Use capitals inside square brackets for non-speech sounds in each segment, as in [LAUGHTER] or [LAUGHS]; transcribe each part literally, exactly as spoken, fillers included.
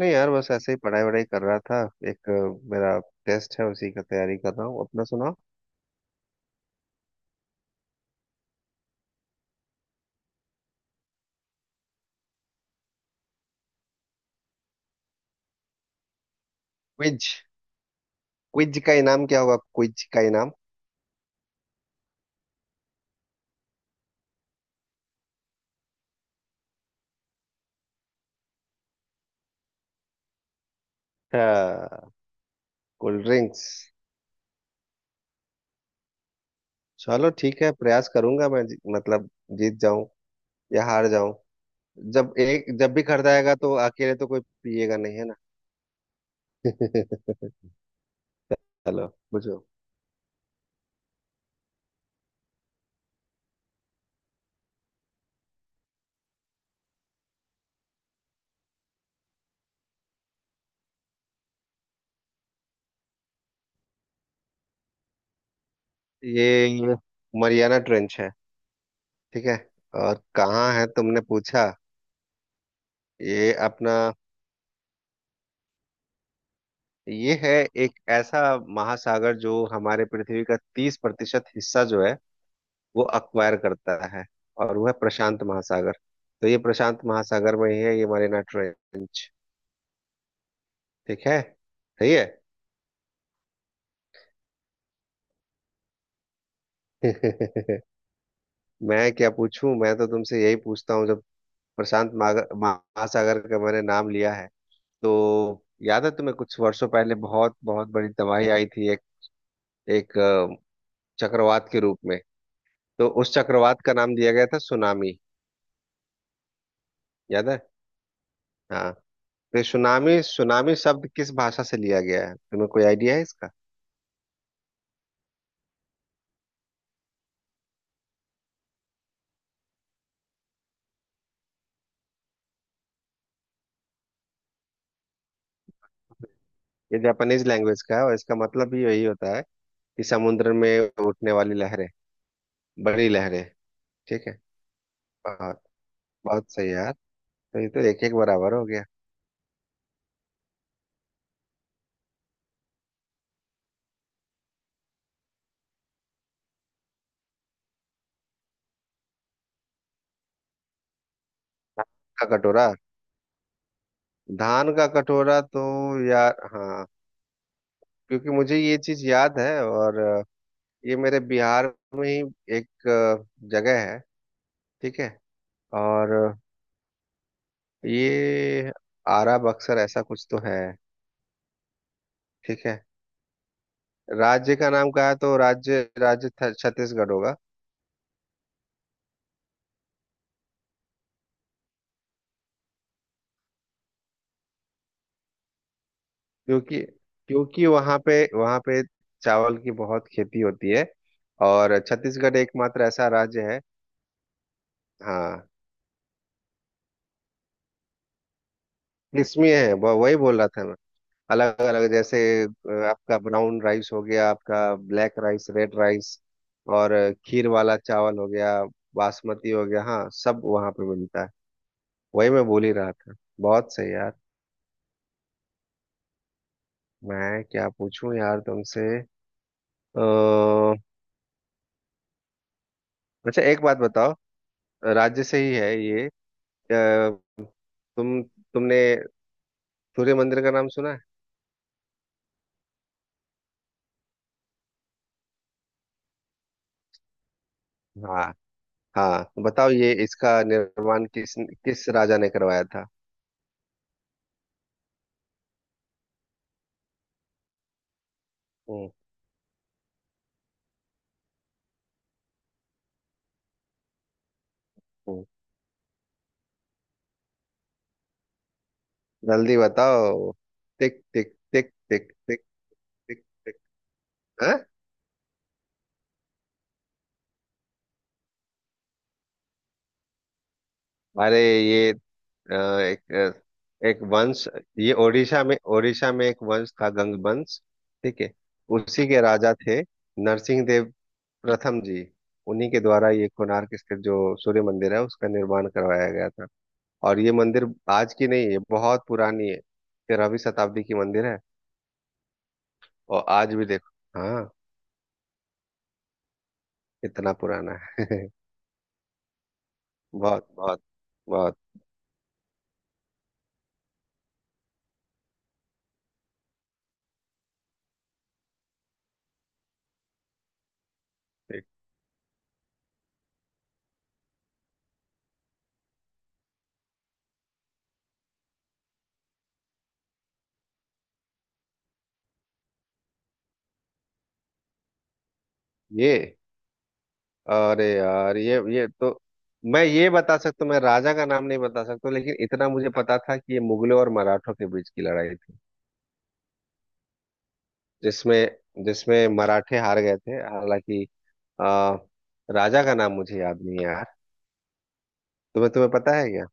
नहीं यार, बस ऐसे ही पढ़ाई वढ़ाई कर रहा था। एक अ, मेरा टेस्ट है, उसी का तैयारी कर रहा हूँ। अपना सुनाओ। क्विज। क्विज का इनाम क्या होगा? क्विज का इनाम। हाँ, कोल्ड ड्रिंक्स। चलो ठीक है, प्रयास करूंगा। मैं जी- मतलब जीत जाऊं या हार जाऊं। जब एक जब भी खरीदाएगा आएगा तो अकेले तो कोई पिएगा नहीं, है ना? [LAUGHS] चलो पूछो। ये ये मरियाना ट्रेंच है। ठीक है। और कहाँ है, तुमने पूछा? ये अपना ये है एक ऐसा महासागर जो हमारे पृथ्वी का तीस प्रतिशत हिस्सा जो है, वो अक्वायर करता है। और वह प्रशांत महासागर। तो ये प्रशांत महासागर में ही है, ये मरीना ट्रेंच। ठीक है। सही है। [LAUGHS] मैं क्या पूछूं? मैं तो तुमसे यही पूछता हूँ। जब प्रशांत माग- महासागर का मैंने नाम लिया है, तो याद है तुम्हें? कुछ वर्षों पहले बहुत बहुत बड़ी तबाही आई थी, एक एक अ, चक्रवात के रूप में। तो उस चक्रवात का नाम दिया गया था सुनामी। याद है? हाँ। तो सुनामी, सुनामी शब्द किस भाषा से लिया गया है? तुम्हें कोई आइडिया है इसका? ये जापानीज लैंग्वेज का है, और इसका मतलब भी यही होता है कि समुद्र में उठने वाली लहरें, बड़ी लहरें। ठीक है। बहुत बहुत सही यार। तो ये तो एक एक बराबर हो गया। धान का कटोरा। धान का कटोरा तो, यार हाँ, क्योंकि मुझे ये चीज याद है, और अ, ये मेरे बिहार में ही एक अ, जगह है। ठीक है। और अ, ये आरा बक्सर, ऐसा कुछ तो है। ठीक है। राज्य का नाम कहा, तो राज्य राज्य छ- छत्तीसगढ़ होगा। क्योंकि क्योंकि वहां पे वहां पे चावल की बहुत खेती होती है, और छत्तीसगढ़ एकमात्र ऐसा राज्य है। हाँ, किस्में हैं, व- वही बोल रहा था मैं। अलग अलग, जैसे अ, आपका ब्राउन राइस हो गया, आपका ब्लैक राइस, रेड राइस, और अ, खीर वाला चावल हो गया, बासमती हो गया। हाँ, सब वहां पे मिलता है। वही मैं बोल ही रहा था। बहुत सही यार। मैं क्या पूछूं यार तुमसे? अ अच्छा, एक बात बताओ। राज्य से ही है ये। अ, तुम तुमने सूर्य मंदिर का नाम सुना है? हाँ हाँ, बताओ, ये इसका निर्माण किस किस राजा ने करवाया था? हम्म, हम्म। जल्दी बताओ। टिक टिक टिक टिक टिक टिक टिक। हाँ? अरे, ये अ, एक अ, एक वंश, ये ओडिशा में ओडिशा में एक वंश था, गंग वंश। ठीक है। उसी के राजा थे नरसिंह देव प्रथम जी। उन्हीं के द्वारा ये कोणार्क स्थित जो सूर्य मंदिर है उसका निर्माण करवाया गया था। और ये मंदिर आज की नहीं है, बहुत पुरानी है, तेरहवीं शताब्दी की मंदिर है। और आज भी देखो। हाँ, इतना पुराना है। [LAUGHS] बहुत बहुत बहुत। ठीक। ये, अरे यार, ये ये तो मैं ये बता सकता हूँ, मैं राजा का नाम नहीं बता सकता, लेकिन इतना मुझे पता था कि ये मुगलों और मराठों के बीच की लड़ाई थी। जिसमें जिसमें मराठे हार गए थे। हालांकि अ, राजा का नाम मुझे याद नहीं है। तुम्हें तुम्हें पता है क्या?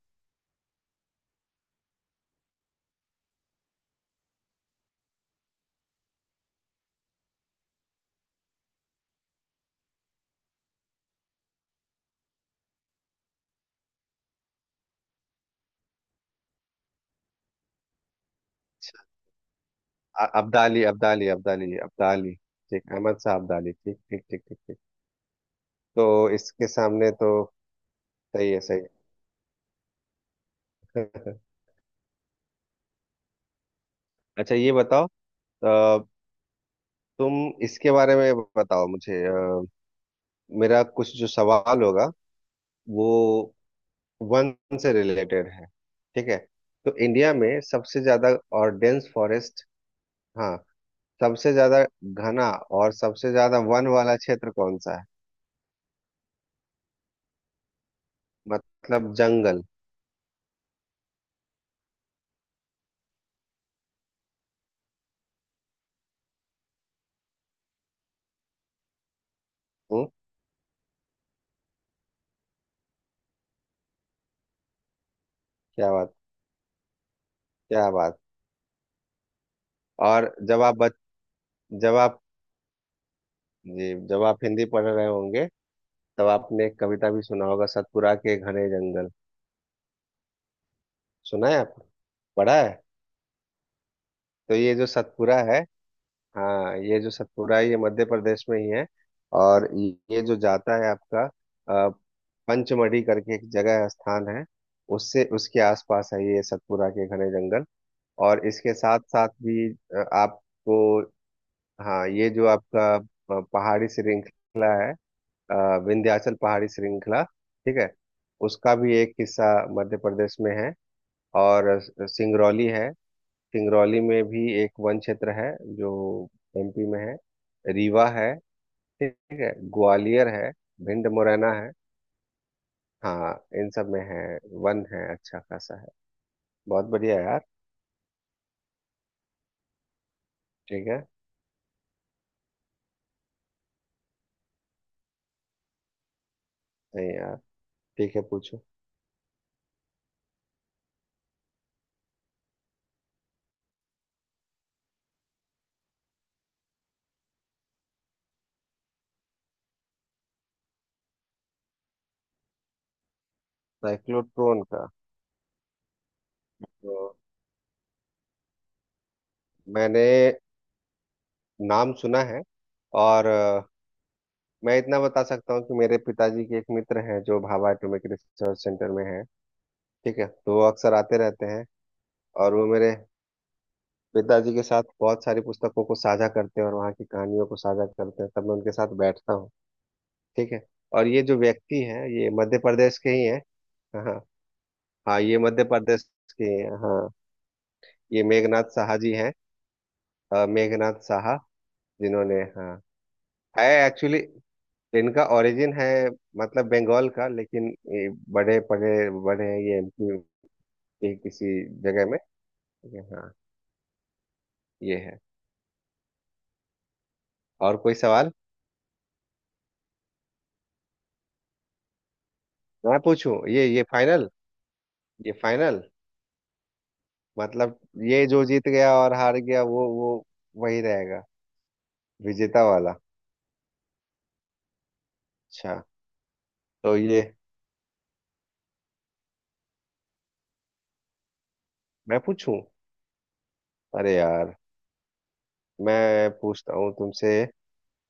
अ- अब्दाली, अब्दाली, अब्दाली, अब्दाली। ठीक, अहमद शाह अब्दाली। ठीक, ठीक, ठीक, ठीक, ठीक। तो इसके सामने तो सही है, सही है। [LAUGHS] अच्छा, ये बताओ। अ, तुम इसके बारे में बताओ मुझे। अ, मेरा कुछ जो सवाल होगा, वो वन से रिलेटेड है। ठीक है। तो इंडिया में सबसे ज्यादा और डेंस फॉरेस्ट, हाँ, सबसे ज्यादा घना और सबसे ज्यादा वन वाला क्षेत्र कौन सा है? मतलब जंगल। हम्म। क्या बात, क्या बात। और जब आप बच जब आप जी जब आप हिंदी पढ़ रहे होंगे, तब आपने एक कविता भी सुना होगा, सतपुरा के घने जंगल। सुना है आपने? पढ़ा है? तो ये जो सतपुरा है, हाँ, ये जो सतपुरा है, ये मध्य प्रदेश में ही है। और ये जो जाता है आपका अ, पंचमढ़ी करके एक जगह है, स्थान है, उससे, उसके आसपास है ये सतपुरा के घने जंगल। और इसके साथ साथ भी अ, आपको, हाँ, ये जो आपका अ, पहाड़ी श्रृंखला है, अ, विंध्याचल पहाड़ी श्रृंखला, ठीक है, उसका भी एक हिस्सा मध्य प्रदेश में है। और सिंगरौली है, सिंगरौली में भी एक वन क्षेत्र है जो एमपी में है। रीवा है, ठीक है, ग्वालियर है, भिंड मुरैना है। हाँ, इन सब में है, वन है अच्छा खासा है। बहुत बढ़िया यार। ठीक है। नहीं यार। ठीक है, पूछो। साइक्लोट्रॉन का? तो मैंने नाम सुना है, और मैं इतना बता सकता हूँ कि मेरे पिताजी के एक मित्र हैं जो भाभा एटॉमिक रिसर्च सेंटर में हैं। ठीक है, तो वो अक्सर आते रहते हैं। और वो मेरे पिताजी के साथ बहुत सारी पुस्तकों को साझा करते हैं, और वहाँ की कहानियों को साझा करते हैं, तब मैं उनके साथ बैठता हूँ। ठीक है। और ये जो व्यक्ति हैं, ये मध्य प्रदेश के ही हैं। हाँ हाँ, हाँ, ये मध्य प्रदेश के ही हैं, हाँ। ये मेघनाथ साहा जी हैं। अ, मेघनाथ साहा, जिन्होंने, हाँ, है एक्चुअली। तो इनका ओरिजिन है मतलब बंगाल का, लेकिन ये बड़े पड़े बड़े हैं ये एमपी के किसी जगह में। ये, हाँ, ये है। और कोई सवाल मैं पूछूं? ये ये फाइनल, ये फाइनल मतलब ये जो जीत गया और हार गया, वो वो वही रहेगा, विजेता वाला। अच्छा, तो ये मैं पूछूं? अरे यार, मैं पूछता हूँ तुमसे,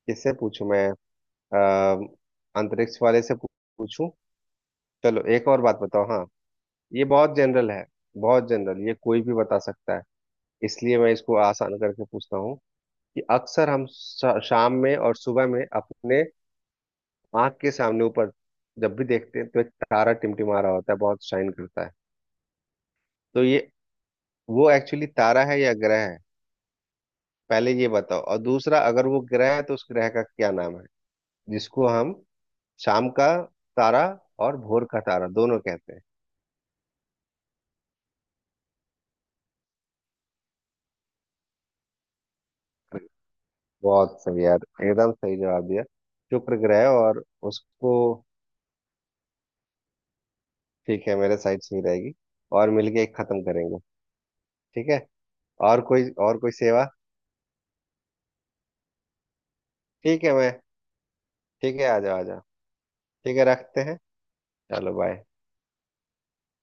किससे पूछूं मैं? अ, अंतरिक्ष वाले से पू- पूछूं? चलो, एक और बात बताओ। हाँ, ये बहुत जनरल है, बहुत जनरल, ये कोई भी बता सकता है। इसलिए मैं इसको आसान करके पूछता हूँ, कि अक्सर हम शा- शाम में और सुबह में अपने आंख के सामने ऊपर जब भी देखते हैं, तो एक तारा टिमटिमा रहा होता है, बहुत शाइन करता है। तो ये वो एक्चुअली तारा है या ग्रह है? पहले ये बताओ, और दूसरा, अगर वो ग्रह है तो उस ग्रह का क्या नाम है जिसको हम शाम का तारा और भोर का तारा, दोनों कहते हैं? बहुत सही यार, एकदम सही जवाब दिया। शुक्र ग्रह, और उसको, ठीक है, मेरे साइड से ही रहेगी। और मिलके एक खत्म करेंगे। ठीक है, और कोई, और कोई सेवा? ठीक है, मैं, ठीक है, आ जाओ आ जाओ। ठीक है, रखते हैं। चलो बाय।